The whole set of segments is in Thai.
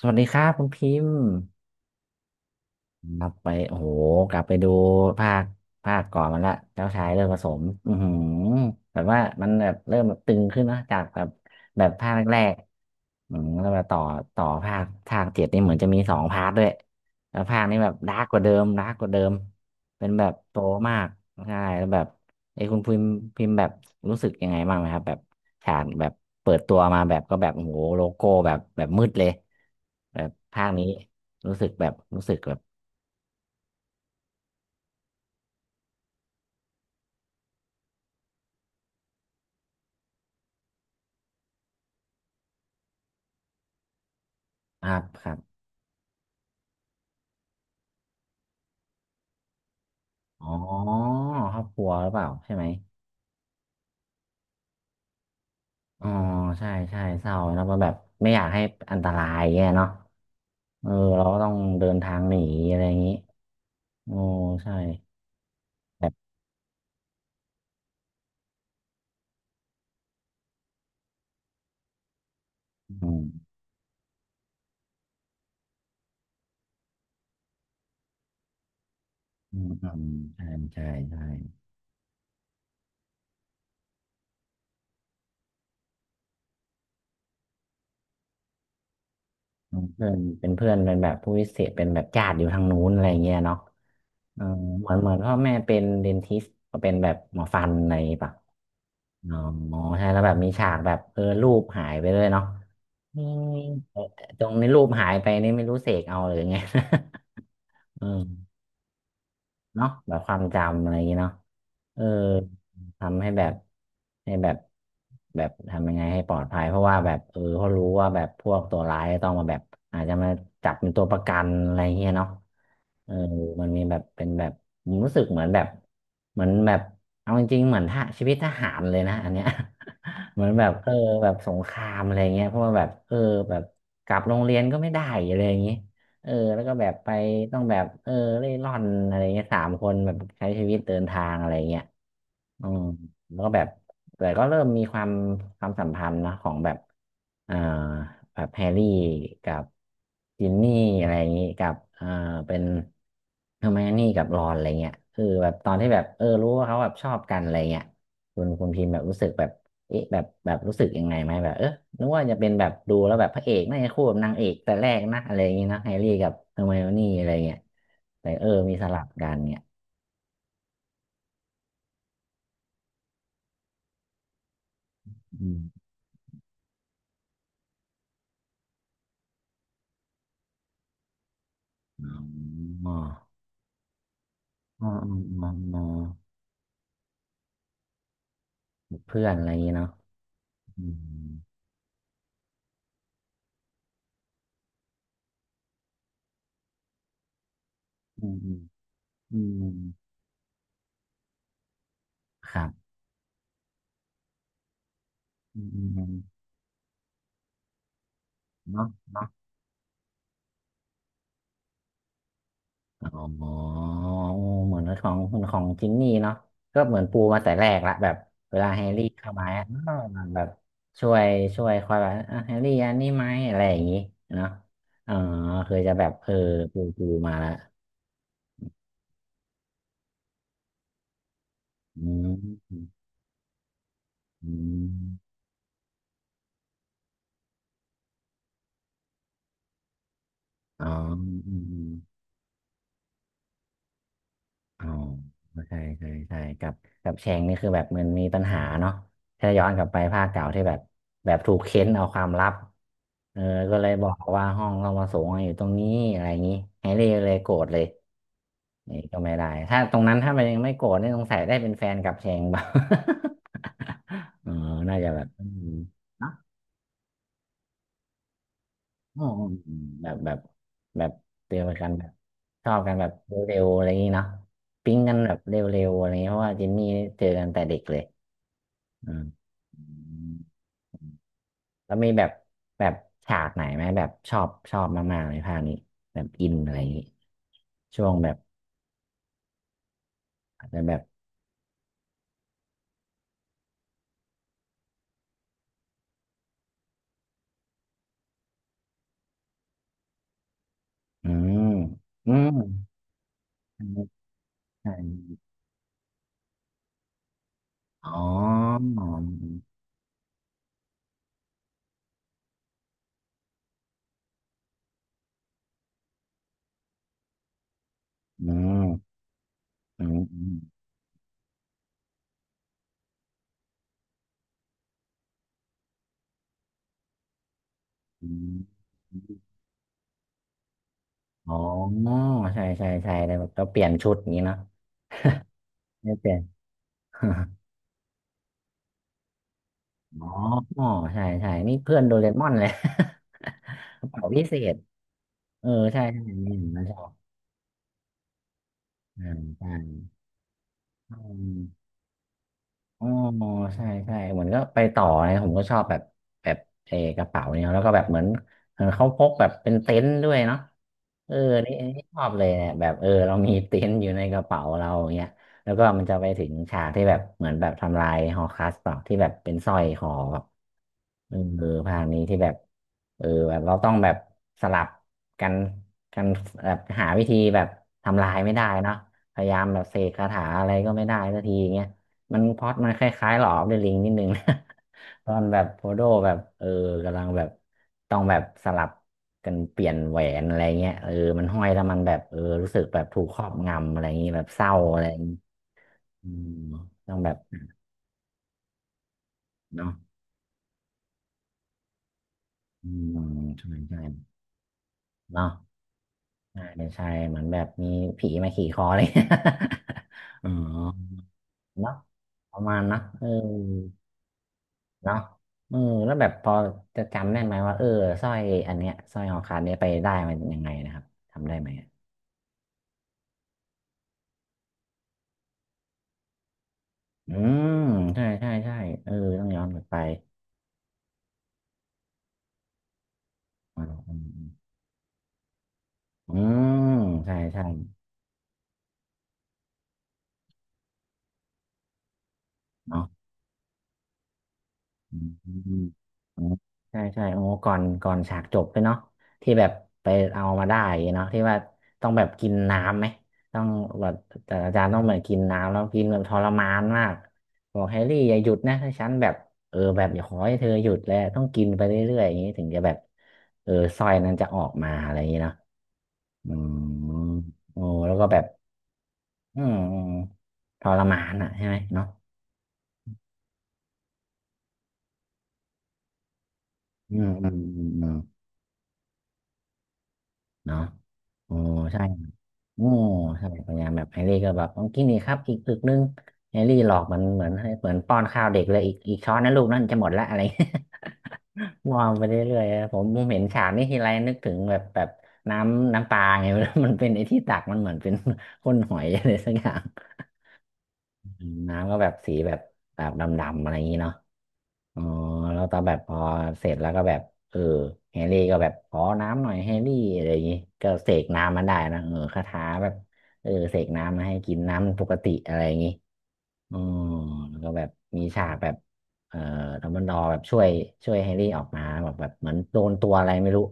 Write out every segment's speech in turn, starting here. สวัสดีครับคุณพิมพ์ กลับไปโอ้โหกลับไปดูภาคภาคก่อนมันละเจ้าชายเริ่มผสมอือหือแบบว่ามันแบบเริ่มแบบตึงขึ้นนะจากแบบแบบภาคแรกๆแล้วมาต่อภาคเจ็ดนี่เหมือนจะมีสองพาร์ทด้วยแล้วภาคนี้แบบดาร์กกว่าเดิมดาร์กกว่าเดิมเป็นแบบโตมากใช่แล้วแบบไอ้คุณพิมพ์แบบรู้สึกยังไงบ้างไหมครับแบบฉากแบบเปิดตัวมาแบบก็แบบโอ้โหโลโก้แบบมืดเลยแบบภาคนี้รู้สึกแบบ ครับครับ อ๋อครอบครัวหรือเปล่าใช่ไหมอ๋อใช่ใช่เศร้าแล้วก็แบบไม่อยากให้อันตรายแย่เนาะเออ เราก็ต้องเดินทางหนีอะไรอย่างนี้โอ้ใช่อืมอืมใช่ ใช่ ใช่ เพื่อนเป็นแบบผู้พิเศษเป็นแบบญาติอยู่ทางนู้นอะไรเงี้ยเนาะเออเหมือนพ่อแม่เป็นเดนทิสก็เป็นแบบหมอฟันอะไรปะอ๋อใช่แล้วแบบมีฉากแบบรูปหายไปเลยเนาะนี่ตรงนี้รูปหายไปนี่ไม่รู้เสกเอาหรือไง เออ เนาะแบบความจำอะไรอย่างเงี้ยเนาะเออทำให้แบบให้แบบแบบทำยังไงให้ปลอดภัยเพราะว่าแบบเขารู้ว่าแบบพวกตัวร้ายต้องมาแบบอาจจะมาจับเป็นตัวประกันอะไรเงี้ยเนาะเออมันมีแบบเป็นแบบผมรู้สึกเหมือนแบบเอาจริงๆเหมือนทหารชีวิตทหารเลยนะอันเนี้ย เหมือนแบบเออแบบสงครามอะไรเงี้ยเพราะว่าแบบเออแบบกลับโรงเรียนก็ไม่ได้อะไรอย่างงี้ เออแล้วก็แบบไปต้องแบบเออเร่ร่อนอะไรเงี้ยสามคนแบบใช้ชีวิตเดินทางอะไรเงี้ยอืมแล้วก็แบบแต่ก็เริ่มมีความสัมพันธ์นะของแบบเอ่อแบบแฮร์รี่กับจินนี่อะไรอย่างงี้กับเป็นเฮอร์ไมโอนี่กับรอนอะไรเงี้ยคือแบบตอนที่แบบเออรู้ว่าเขาแบบชอบกันอะไรเงี้ย คุณพิมพ์แบบรู้สึกแบบเอ๊ะแบบรู้สึกยังไงไหมแบบเออนึกว่าจะเป็นแบบดูแล้วแบบพระเอกน่าจะคู่กับนางเอกแต่แรกนะอะไรอย่างงี้นะแฮร์รี่กับเฮอร์ไมโอนี่อะไรเงี้ยแต่เออมีสลับกันเนี่ยอืมอ๋ออ๋ออ๋ออ๋ออ๋อเพื่อนอะไรอย่างงี้เนาะอืมอืมอืมอืมครับอืมเนาะ อ๋อเหมือนของจินนี่เนาะก็เหมือนปูมาแต่แรกละแบบเวลาแฮร์รี่เข้ามาอ่ะอ้าวมันแบบช่วยช่วยคอยแบบอ่ะแฮร์รี่อันนี้ไหมอะไรอย่างงี้เนาะอ๋อเคยจะแบบเออปูมาละอืมอืมอ๋อ อ๋อใช่ใช่ใช่กับกับแชงนี่คือแบบมันมีปัญหาเนาะถ้าย้อนกลับไปภาคเก่าที่แบบถูกเค้นเอาความลับเออก็เลยบอกว่าห้องเรามาสูงอยู่ตรงนี้อะไรอย่างนี้แฮร์รี่เลยโกรธเลย นี่ก็ไม่ได้ ถ้าตรงนั้นถ้ามันยังไม่โกรธนี่สงสัยได้เป็นแฟนกับแชงเปล่า เออน่าจะแบบอ๋อมแบบแบบแบบเดีกันแบบชอบกันแบบเร็วๆอะไรอย่างนี้เนาะปิ๊งกันแบบเร็วๆอะไรอย่างนี้เพราะว่าเจนนี่เจอกันแต่เด็กเลยอืมอืมแล้วมีแบบแบบฉากไหนไหมแบบชอบมากๆในภาคนี้แบบอินอะไรอย่างนี้ช่วงแบบอาจจะแบบอืมอืมใช่อ๋ออืมอืมอืมอืม อ๋อใช่ใช่ใช่แต่แบบเราเปลี่ยนชุดอย่างนี้เนาะ ไม่เปลี่ยน อ๋อใช่ใช่นี่เพื่อนโดเรมอนเลย กระเป๋าพิเศษเออใช่ใช่นี่ผมก็ชอบอ่าใช่ อ๋อใช่ใช่เหมือนก็ไปต่อนะผมก็ชอบแบบแบบเออกระเป๋าเนี่ยแล้วก็แบบเหมือนเขาพกแบบเป็นเต็นท์ด้วยเนาะเออนี่อันนี้ชอบเลยเนี่ยแบบเออเรามีเต็นท์อยู่ในกระเป๋าเราอย่างเงี้ยแล้วก็มันจะไปถึงฉากที่แบบเหมือนแบบทำลายฮอคัสเปล่าที่แบบเป็นสร้อยคอแบบเออภาคนี้ที่แบบเออแบบเราต้องแบบสลับกันกันแบบหาวิธีแบบทำลายไม่ได้เนาะพยายามแบบเสกคาถาอะไรก็ไม่ได้สักทีอย่างเงี้ย มันพล็อตมันคล้ายๆหลอออฟเดลิงนิดนึงนะ ตอนแบบโพโดแบบกำลังแบบต้องแบบสลับกันเปลี่ยนแหวนอะไรเงี้ยเออมันห้อยแล้วมันแบบรู้สึกแบบถูกครอบงำอะไรอย่างงี้แบบเศร้าอะไรอย่างงี้อืมต้องแบบเนาะอืมใช่ใช่เนาะใช่ใช่เหมือนแบบมีผีมาขี่คอเลย อ๋อเนาะประมาณนะเออ เนาะเออแล้วแบบพอจะจำได้ไหมว่าเออสร้อยอันเนี้ยสร้อยคอขาดเนี้ยไปได้มันยังไงนะครับทำได้ไหมอะอืมใช่ใช่ใช่เออต้องย้อนกลับไปอืมอืมอืมอืมใช่ใช่เนาะ อืมอ๋อใช่ใช่โอ้ก่อนฉากจบด้วยเนาะที่แบบไปเอามาได้เนาะที่ว่าต้องแบบกินน้ำไหมต้องแบบแต่อาจารย์ต้องแบบกินน้ำแล้วกินแบบทรมานมากบอกแฮร์รี่อย่าหยุดนะถ้าฉันแบบเออแบบอย่าขอให้เธอหยุดแล้วต้องกินไปเรื่อยๆอย่างนี้ถึงจะแบบเออสร้อยนั้นจะออกมาอะไรอย่างนี้เนาะอืมโอ้แล้วก็แบบอืมอืมทรมานอ่ะใช่ไหมเนาะอืมอืมอืมอืมเนาะโอ้ใช่ อ๋อใช่พยายามแบบแฮร์รี่ก็แบบต้องกินนี่ครับอีกอึกนึงแฮร์รี่หลอกมันเหมือนให้เหมือนป้อนข้าวเด็กเลยอีกอีกช้อนนะลูกนั่นจะหมดละอะไร มองไปเรื่อยๆผมเห็นฉากนี้ทีไรนึกถึงแบบแบบน้ำปลาไง มัน เป็นไอ้ที่ตักมันเหมือนเป็น ก้นหอยอะไรสักอย่างน้ำก็แบบสีแบบแบบดำๆอะไรอย่างนี้เนาะ อ๋อแล้วตอนแบบพอเสร็จแล้วก็แบบเออแฮร์รี่ก็แบบขอน้ำหน่อยแฮร์รี่อะไรอย่างงี้ก็เสกน้ำมันได้นะเออคาถาแบบเสกน้ำมาให้กินน้ำปกติอะไรอย่างงี้อ๋อแล้วก็แบบมีฉากแบบเอ่อดัมเบิลดอร์แบบช่วยช่วยแฮร์รี่ออกมาแบบแบบเหมือนโดนตัวอะไรไม่รู้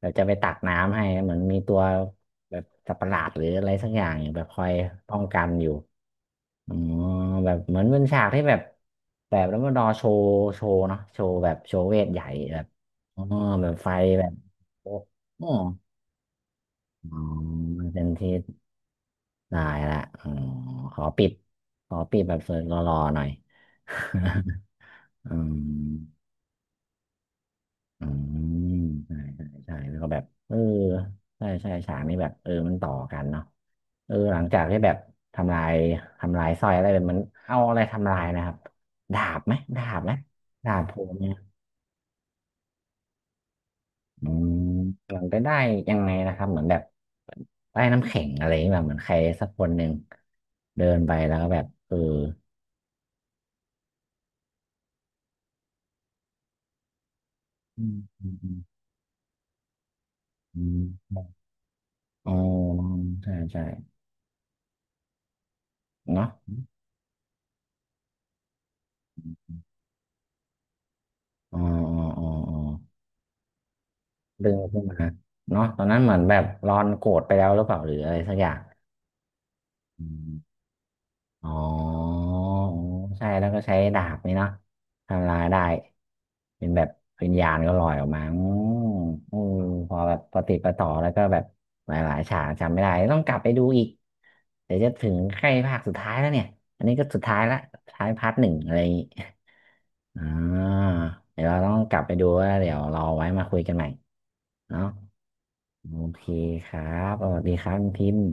แบบจะไปตักน้ำให้เหมือนมีตัวแบบสัตว์ประหลาดหรืออะไรสักอย่างอยแบบคอยป้องกันอยู่ อ๋อแบบเหมือนเป็นฉากที่แบบแบบแล้วมาดอโชว์โชว์เนาะโชว์แบบโชว์เวทใหญ่แบบอ๋อแบบไฟแบบโอ้โอ้อ๋อเป็นที่ได้ละอ๋อขอปิดขอปิดแบบสวยหล่อๆหน่อย อืม อืมใช่ใช่ใช่แล้วก็แบบเออใช่ใช่ฉากนี้แบบเออมันต่อกันเนาะเออหลังจากที่แบบทำลายทำลายสร้อยอะไรแบบมันเอาอะไรทำลายนะครับดาบไหมดาบไหมดาบโผล่เนี่ยอืมหลังไปได้ยังไงนะครับเหมือนแบบได้น้ำแข็งอะไรอย่างเงี้ยแบบเหมือนใครสักคนหนึ่งเดินไปแล้วก็แบบเอออืมอืมอืมอมอ๋อใช่ใช่เนาะอ๋ออ๋ออ๋ออ๋อ ดึงขึ้นมาเนาะตอนนั้นเหมือนแบบรอนโกรธไปแล้วหรือเปล่าหรืออะไรสักอย่างอมอ๋ออ๋อใช่แล้วก็ใช้ดาบนี่เนาะทำลายได้เป็นแบบวิญญาณก็ลอยออกมาอืมอืมพอแบบปฏิดประต่อแล้วก็แบบหลายๆฉากจำไม่ได้ต้องกลับไปดูอีกเดี๋ยวจะถึงใกล้ภาคสุดท้ายแล้วเนี่ยอันนี้ก็สุดท้ายละสุดท้ายพาร์ทหนึ่งอะไรอย่างงี้อ่าเดี๋ยวเราต้องกลับไปดูว่าเดี๋ยวรอไว้มาคุยกันใหม่เนาะ โอเคครับเอสดีครับคุณพิมพ์